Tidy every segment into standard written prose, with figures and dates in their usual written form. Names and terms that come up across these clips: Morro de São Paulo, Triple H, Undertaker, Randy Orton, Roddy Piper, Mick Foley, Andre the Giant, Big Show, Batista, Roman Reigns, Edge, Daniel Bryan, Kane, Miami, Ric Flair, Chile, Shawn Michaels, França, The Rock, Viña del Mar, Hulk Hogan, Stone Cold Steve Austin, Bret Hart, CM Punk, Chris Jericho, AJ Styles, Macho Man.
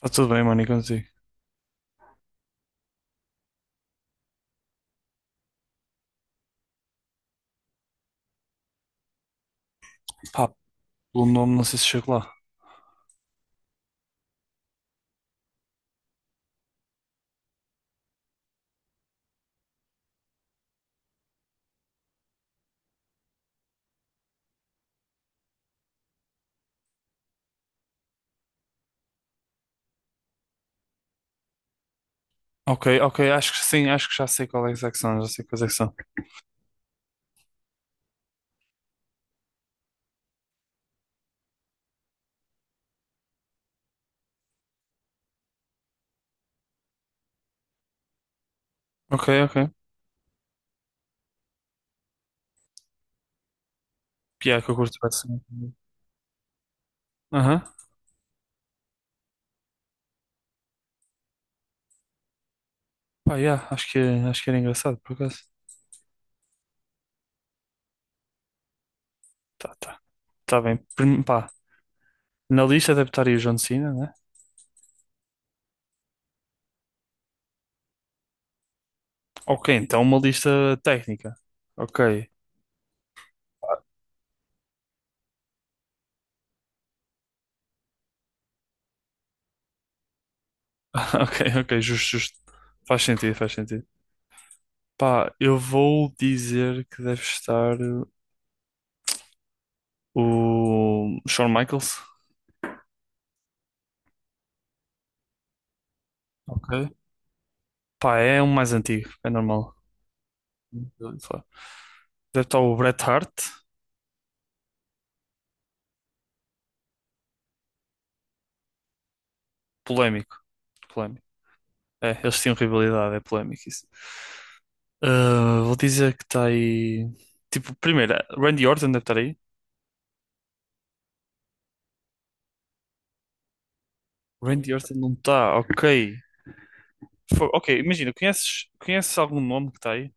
Tá tudo bem, mano, e contigo? Pá, pelo nome não sei se chego lá. Ok, ok, acho que sim, acho que já sei qual é que são, já sei quais é que são. Ok, ok. Piá, que eu curto bastante. Aham. Pá, yeah, acho que era engraçado, por acaso. Tá, tá. Tá bem. Pá, na lista deve estar aí o John Cena, né? Ok, então uma lista técnica. Ok. Ok, ok, justo, justo. Faz sentido, faz sentido. Pá, eu vou dizer que deve estar o Shawn Michaels. Ok. Pá, é um mais antigo, é normal. Deve estar o Bret Hart. Polémico. Polémico. É, eles tinham rivalidade, é polémico isso. Ah, vou dizer que está aí. Tipo, primeiro, Randy Orton deve estar aí. Randy Orton não está, ok. Ok, imagina, conheces algum nome que está aí?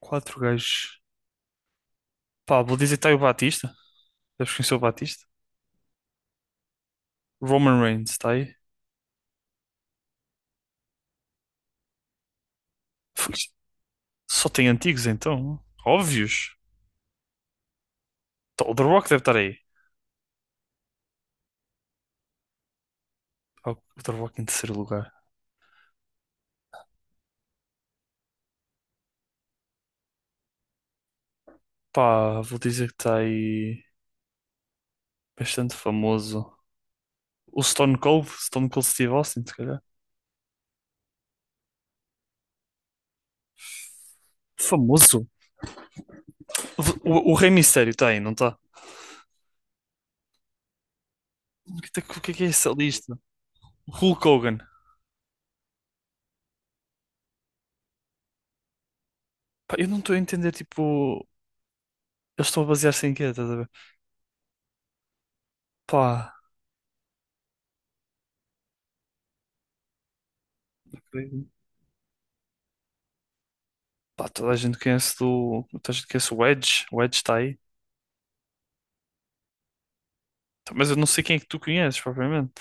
Quatro gajos. Pá, vou dizer que tá aí o Batista. Deves conhecer o Batista? Roman Reigns, está aí. Foi- Só tem antigos então. Óbvios. Tá, o The Rock deve estar aí. Pá, o The Rock em terceiro lugar. Pá, vou dizer que está aí bastante famoso. O Stone Cold, Stone Cold Steve Austin, se calhar. Famoso? O Rei Mistério está aí, não está? O que, é que o que é essa lista? O Hulk Hogan. Pá, eu não estou a entender, tipo, eles estão a basear-se em quê, estás a ver? Pá, pá, toda a gente conhece do. Toda a gente conhece o Edge. O Edge está aí. Tá, mas eu não sei quem é que tu conheces, propriamente.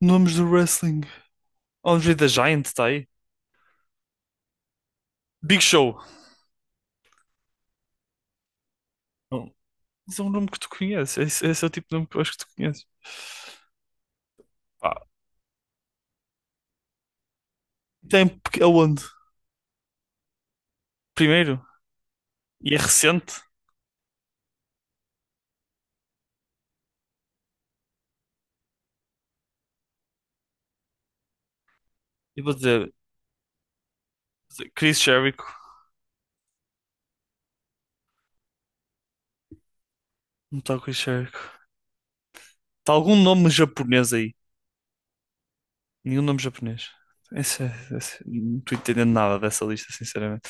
Nomes do wrestling. Andre the Giant está aí. Big Show. Não. Esse é um nome que tu conheces. Esse é o tipo de nome que eu acho que tu conheces. Pá, tem porque- aonde? Primeiro, e é recente. E vou dizer, Chris Jericho. Não está o Chris Jericho. Está algum nome japonês aí? Nenhum nome japonês. Esse, é- esse- não estou entendendo nada dessa lista, sinceramente.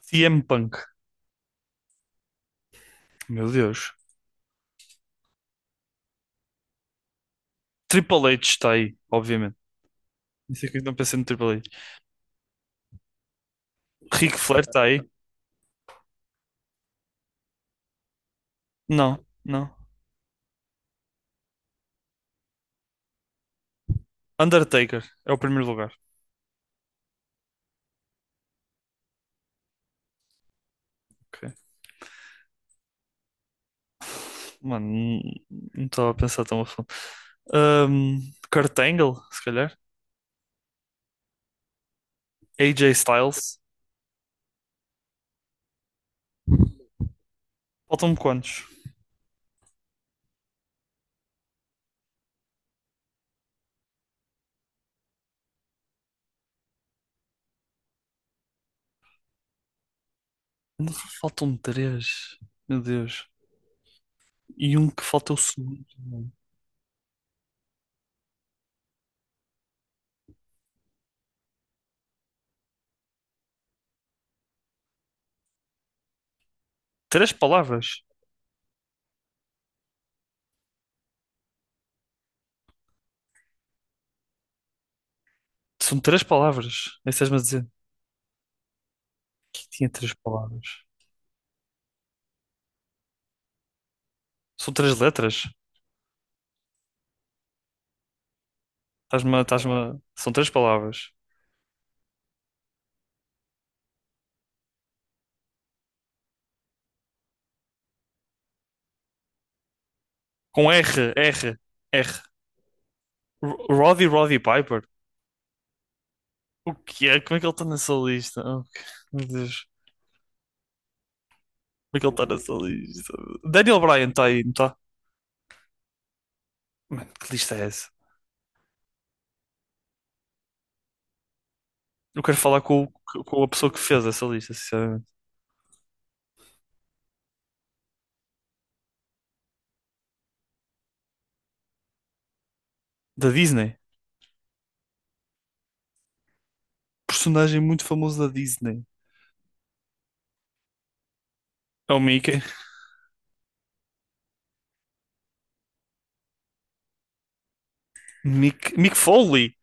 CM Punk. Meu Deus. Triple H está aí, obviamente. Não sei que eu não pensei no Triple H. Ric Flair está aí? Não, não. Undertaker é o primeiro lugar. Ok. Mano, não- não estava a pensar tão a fundo. Ahm, Kurt Angle, se calhar. AJ Styles. Faltam-me quantos? Faltam-me três. Meu Deus. E um que falta é o segundo. Três palavras. São três palavras. É isso que estás-me a dizer. Que tinha três palavras. São três letras. São três palavras. Com R. Roddy Roddy Piper. O que é? Como é que ele está nessa lista? Meu Deus. Como é que ele está nessa lista? Daniel Bryan está aí, não está? Mano, que lista é essa? Eu quero falar com, o- Com a pessoa que fez essa lista, sinceramente. Da Disney. Personagem muito famoso da Disney. É o Mickey. Mick Foley.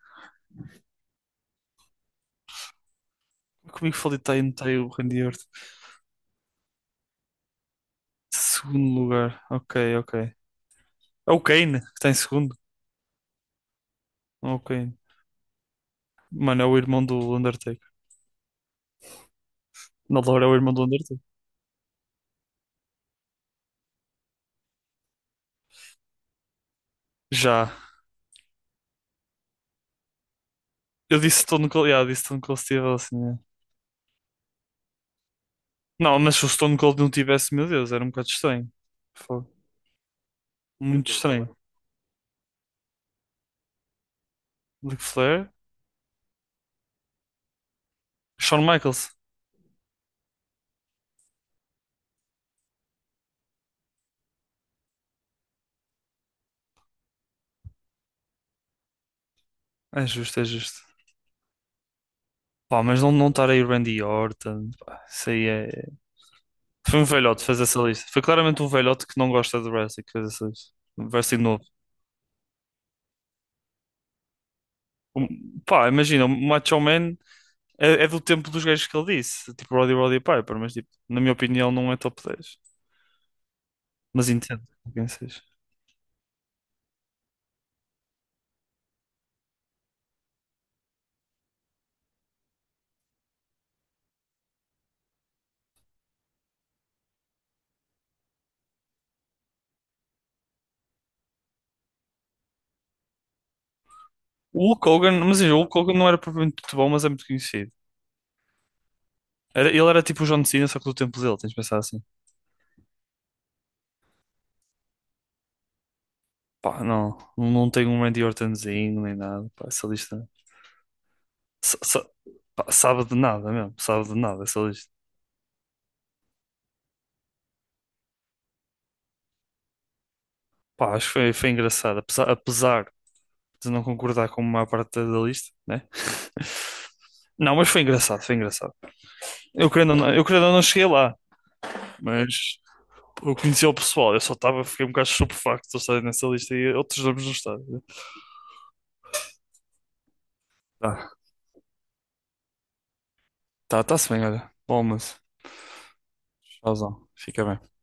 Como é que o Mick Foley está aí, não está aí o Randy Orton? Segundo lugar. Ok, ok. É o Kane, que está em segundo. É o Kane. Mano, é o irmão do Undertaker. Na Laura é o irmão do Undertaker. Já. Eu disse Stone Cold, yeah, disse Stone Cold Steve Austin. Yeah. Não, mas se o Stone Cold não tivesse, meu Deus, era um bocado estranho. Fogo. Muito estranho. Ric Flair, Shawn Michaels. É justo, é justo. Pá, mas não, não estar aí o Randy Orton, pá, isso aí é. Foi um velhote fazer essa lista. Foi claramente um velhote que não gosta de wrestling que fez essa lista. Um Wrestling novo. Pá, imagina, o Macho Man é do tempo dos gajos que ele disse, tipo Roddy Roddy Piper, mas tipo, na minha opinião não é top dez. Mas entendo quem seja. O Hulk Hogan, mas o Hulk Hogan não era propriamente muito bom, mas é muito conhecido. Ele era tipo o John Cena, só que do tempo dele, tens de pensar assim. Pá, não, não tem um Randy Ortonzinho nem nada, pá, essa sa- sa- pá, sabe de nada mesmo, sabe de nada essa lista. Pá, acho que foi, foi engraçado, apesar de não concordar com a maior parte da lista, né? Não, mas foi engraçado, foi engraçado. Eu querendo ou não cheguei lá, mas eu conheci o pessoal, eu só estava, fiquei um bocado estupefacto de estar nessa lista e outros nomes não estavam. Tá, tá, tá-se bem, olha. Bom, mas, tchauzão, fica bem.